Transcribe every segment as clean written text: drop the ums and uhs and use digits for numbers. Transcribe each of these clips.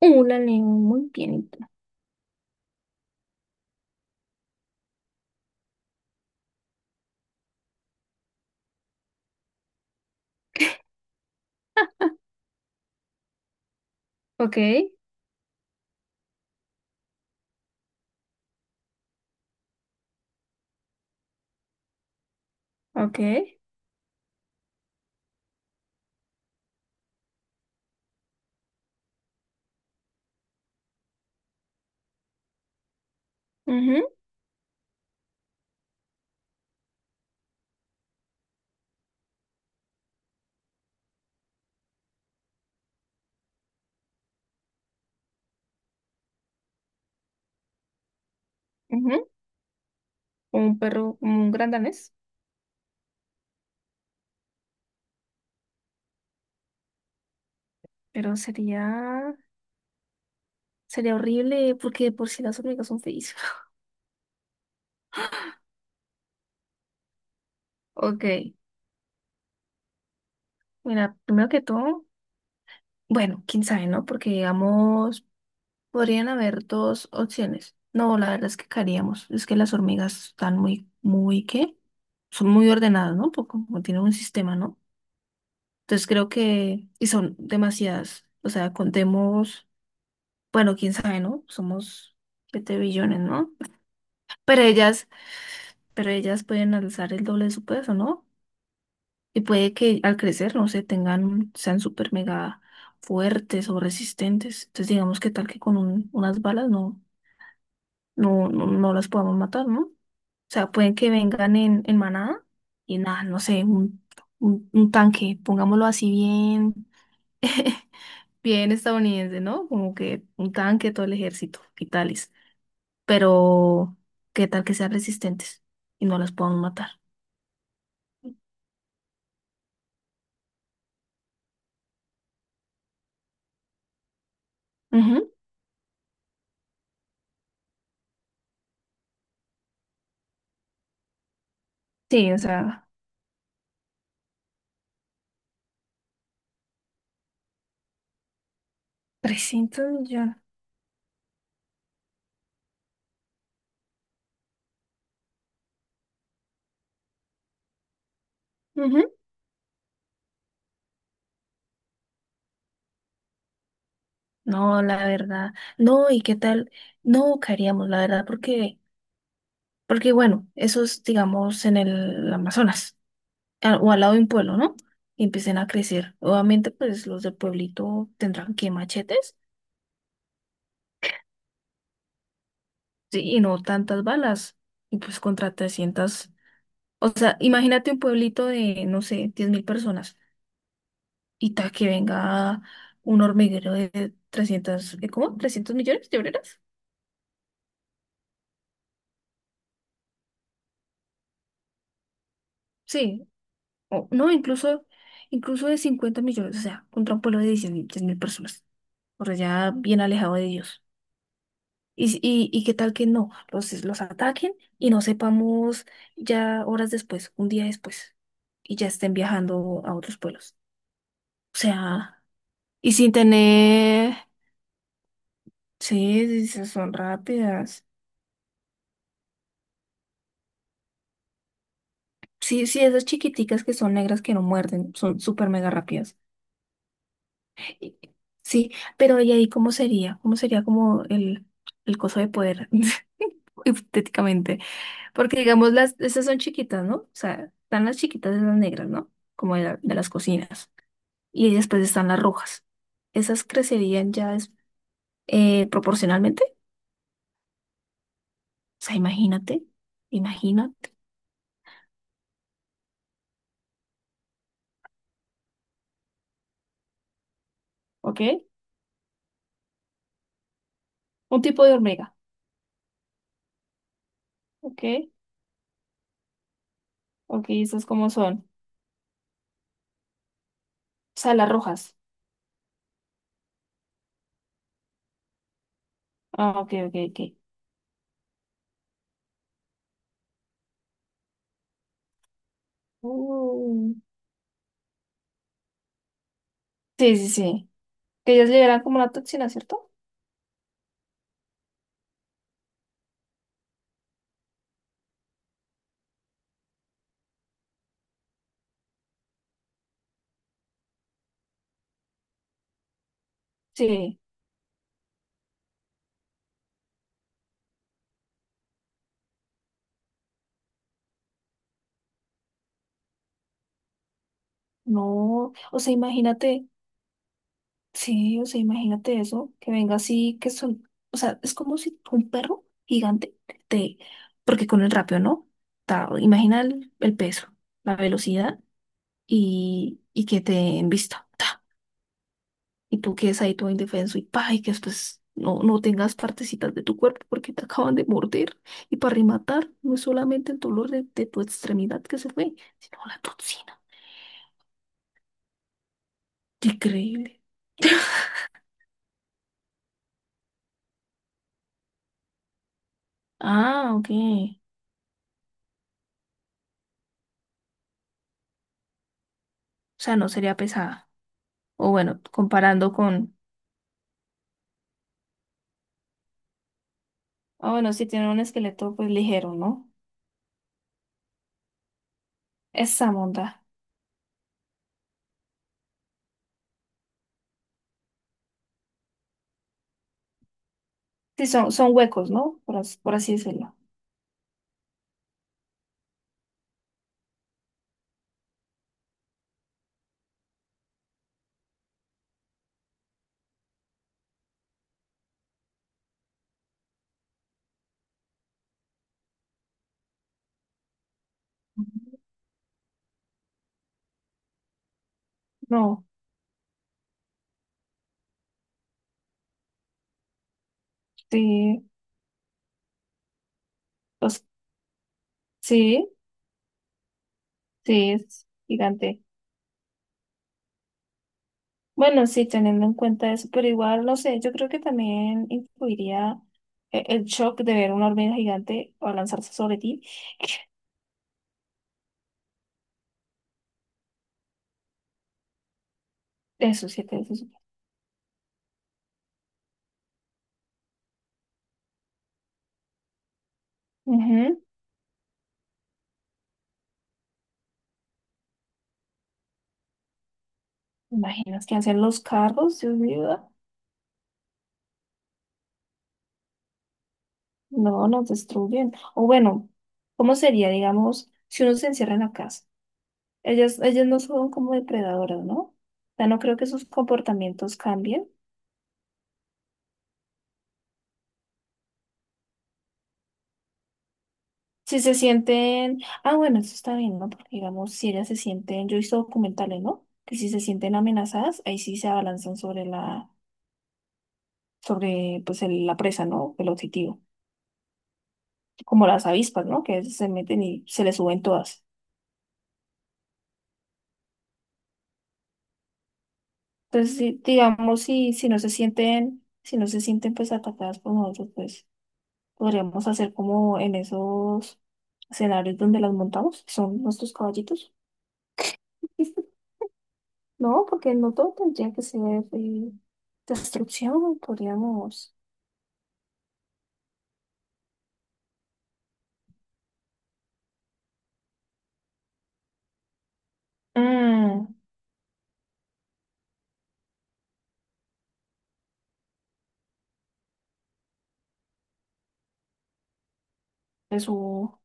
La lengua muy pianito. Ok, ok. Ujú, ujú. Como un perro, como un gran danés. Pero sería, sería horrible porque de por si las hormigas son feísimas. Ok, mira, primero que todo, bueno, quién sabe, ¿no? Porque digamos, podrían haber dos opciones. No, la verdad es que caeríamos. Es que las hormigas están muy, muy, ¿qué? Son muy ordenadas, ¿no? Porque como tienen un sistema, ¿no? Entonces creo que, y son demasiadas. O sea, contemos. Bueno, quién sabe, ¿no? Somos 7 billones, ¿no? Pero ellas, pero ellas pueden alzar el doble de su peso, ¿no? Y puede que al crecer, no sé, tengan, sean súper mega fuertes o resistentes. Entonces, digamos que tal que con unas balas no, no, no, no las podamos matar, ¿no? O sea, pueden que vengan en manada y nada, no sé, un tanque, pongámoslo así bien, bien estadounidense, ¿no? Como que un tanque, todo el ejército y tal. Pero ¿qué tal que sean resistentes y no las podamos matar? Ujú. Sí, o sea, 300 millones. Ujú. No, la verdad. No, ¿y qué tal? No caeríamos, la verdad, porque, porque bueno, eso es, digamos, en el Amazonas o al lado de un pueblo, ¿no? Y empiecen a crecer. Obviamente, pues los del pueblito tendrán que machetes, sí, y no tantas balas. Y pues contra 300. O sea, imagínate un pueblito de, no sé, 10.000 personas. Y ta que venga un hormiguero de 300 ¿cómo? 300 millones de obreras. Sí, o no, incluso, incluso de 50 millones, o sea, contra un pueblo de diez mil personas, o sea, ya bien alejado de Dios. Y qué tal que no, los ataquen y no sepamos ya horas después, un día después, y ya estén viajando a otros pueblos. O sea, y sin tener, sí, sí, son rápidas. Sí, sí, esas chiquiticas que son negras que no muerden, son súper mega rápidas. Y- Sí, pero ¿y ahí cómo sería? ¿Cómo sería como el coso de poder, hipotéticamente? Porque digamos, las, esas son chiquitas, ¿no? O sea, están las chiquitas de las negras, ¿no? Como de, de las cocinas. Y después están las rojas. Esas crecerían ya proporcionalmente. O sea, imagínate, imagínate. ¿Ok? Un tipo de hormiga. ¿Ok? Ok, esas como son. O sea, las rojas. Ah, ok, ok, ok. Mm. Sí, sí, sí. Que ellas liberan como la toxina, ¿cierto? Sí. No, o sea, imagínate, sí, o sea, imagínate eso, que venga así, que son, o sea, es como si un perro gigante te, porque con el rapio, ¿no? Ta, imagina el peso, la velocidad y que te en vista. Y tú quedes ahí todo indefenso y pa, y que después no, no tengas partecitas de tu cuerpo porque te acaban de morder. Y para rematar, no es solamente el dolor de tu extremidad que se fue, sino la toxina. Increíble. Ah, ok. O sea, no sería pesada. O bueno, comparando con... Ah, bueno, si tiene un esqueleto, pues ligero, ¿no? Esa monda. Sí, son huecos, ¿no? Por, por así decirlo. No, sí. Pues, sí, sí, es gigante. Bueno, sí, teniendo en cuenta eso, pero igual, no sé, yo creo que también influiría el shock de ver una hormiga gigante o lanzarse sobre ti. Eso sí, que eso sí. Ujú. Imaginas que hacen los carros, Dios mío. Ah. No, nos destruyen. O bueno, ¿cómo sería, digamos, si uno se encierra en la casa? Ellas no son como depredadoras, ¿no? O sea, no creo que sus comportamientos cambien. Si se sienten, ah, bueno, eso está bien, ¿no? Porque digamos, si ellas se sienten, yo he visto documentales, ¿no? Que si se sienten amenazadas, ahí sí se abalanzan sobre la, sobre, pues, la presa, ¿no? El objetivo. Como las avispas, ¿no? Que se meten y se les suben todas. Entonces, sí, digamos, si, si no se sienten, si no se sienten, pues, atacadas por nosotros, pues, podríamos hacer como en esos escenarios donde las montamos, que son nuestros caballitos. No, porque no todo tendría que ser eh, destrucción, podríamos, mm, eso,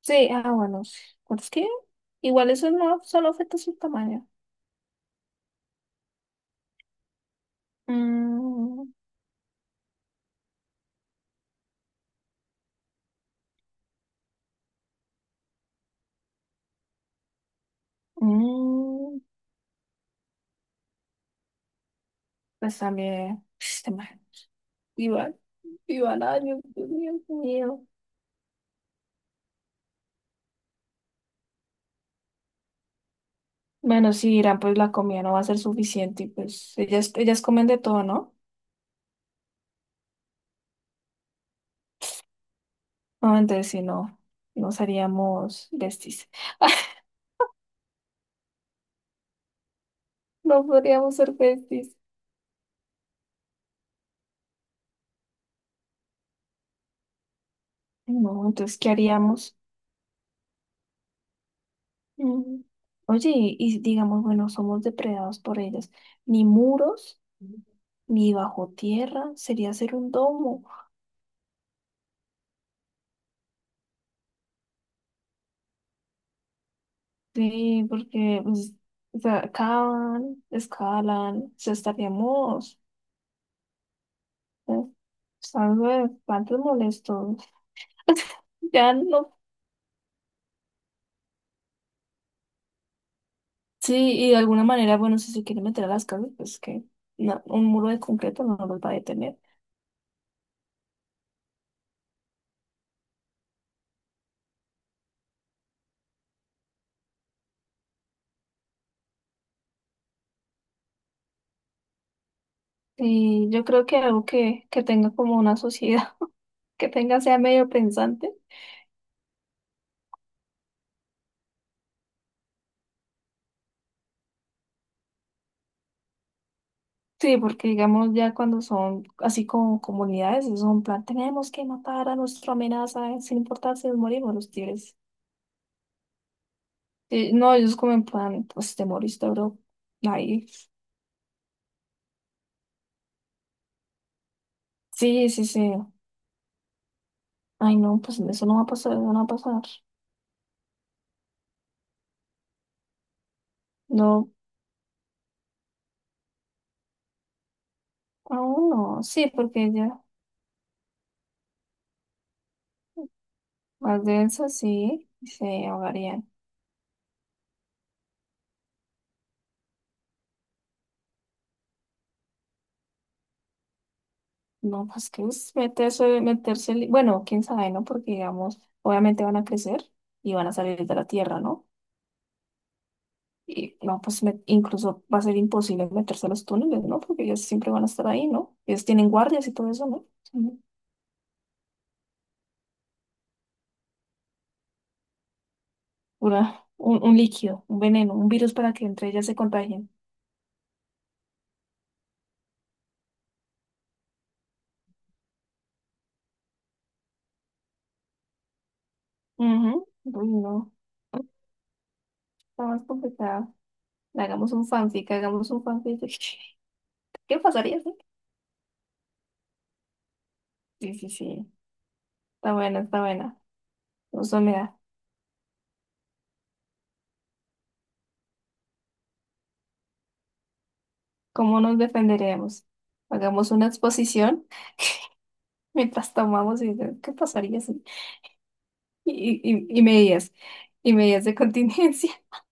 sí, ah, bueno, sí. Bueno, es que igual eso no solo afecta su tamaño, mm, mm. Pues también, este man, igual, igual, ay, Dios mío, qué miedo. Bueno, sí, Irán, pues la comida no va a ser suficiente, y pues ellas comen de todo, ¿no? No, entonces si no, nos haríamos besties. No podríamos ser besties. No, entonces, ¿qué haríamos? Mm. Oye, y digamos, bueno, somos depredados por ellas. Ni muros, ni bajo tierra, sería hacer un domo. Sí, porque pues, o sea, cavan, escalan, o sea, estaríamos eh, pues, algo de espantos molestos. Ya no. Sí, y de alguna manera, bueno, si se quieren meter a las casas, pues que no, un muro de concreto no los va a detener. Y yo creo que algo que tenga como una sociedad. Que tenga sea medio pensante. Sí, porque digamos ya cuando son así como comunidades, es un plan, tenemos que matar a nuestra amenaza, sin importar si nos morimos los tigres. Sí, no, ellos como en plan, pues te moriste, bro. Ahí. Sí, sí, sí. Ay, no, pues eso no va a pasar, eso no va a pasar. No, aún no. Sí, porque ya más de eso sí se ahogarían. No, pues que es meterse, meterse, bueno, quién sabe, ¿no? Porque digamos, obviamente van a crecer y van a salir de la tierra, ¿no? Y no, pues incluso va a ser imposible meterse a los túneles, ¿no? Porque ellos siempre van a estar ahí, ¿no? Ellos tienen guardias y todo eso, ¿no? Son pura, un líquido, un veneno, un virus para que entre ellas se contagien. Ujú. Uy, no. Está más complicada. Hagamos un fanfic, hagamos un fanfic. ¿Qué pasaría? ¿Sí? Sí, sí, sí. Está buena, está buena. Entonces, mira, ¿cómo nos defenderemos? Hagamos una exposición mientras tomamos y ¿qué pasaría? ¿Si? Y medidas, y medidas de contingencia.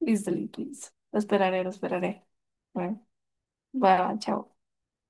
Listo, listo, listo. Lo esperaré, lo esperaré. Bueno, va, chao.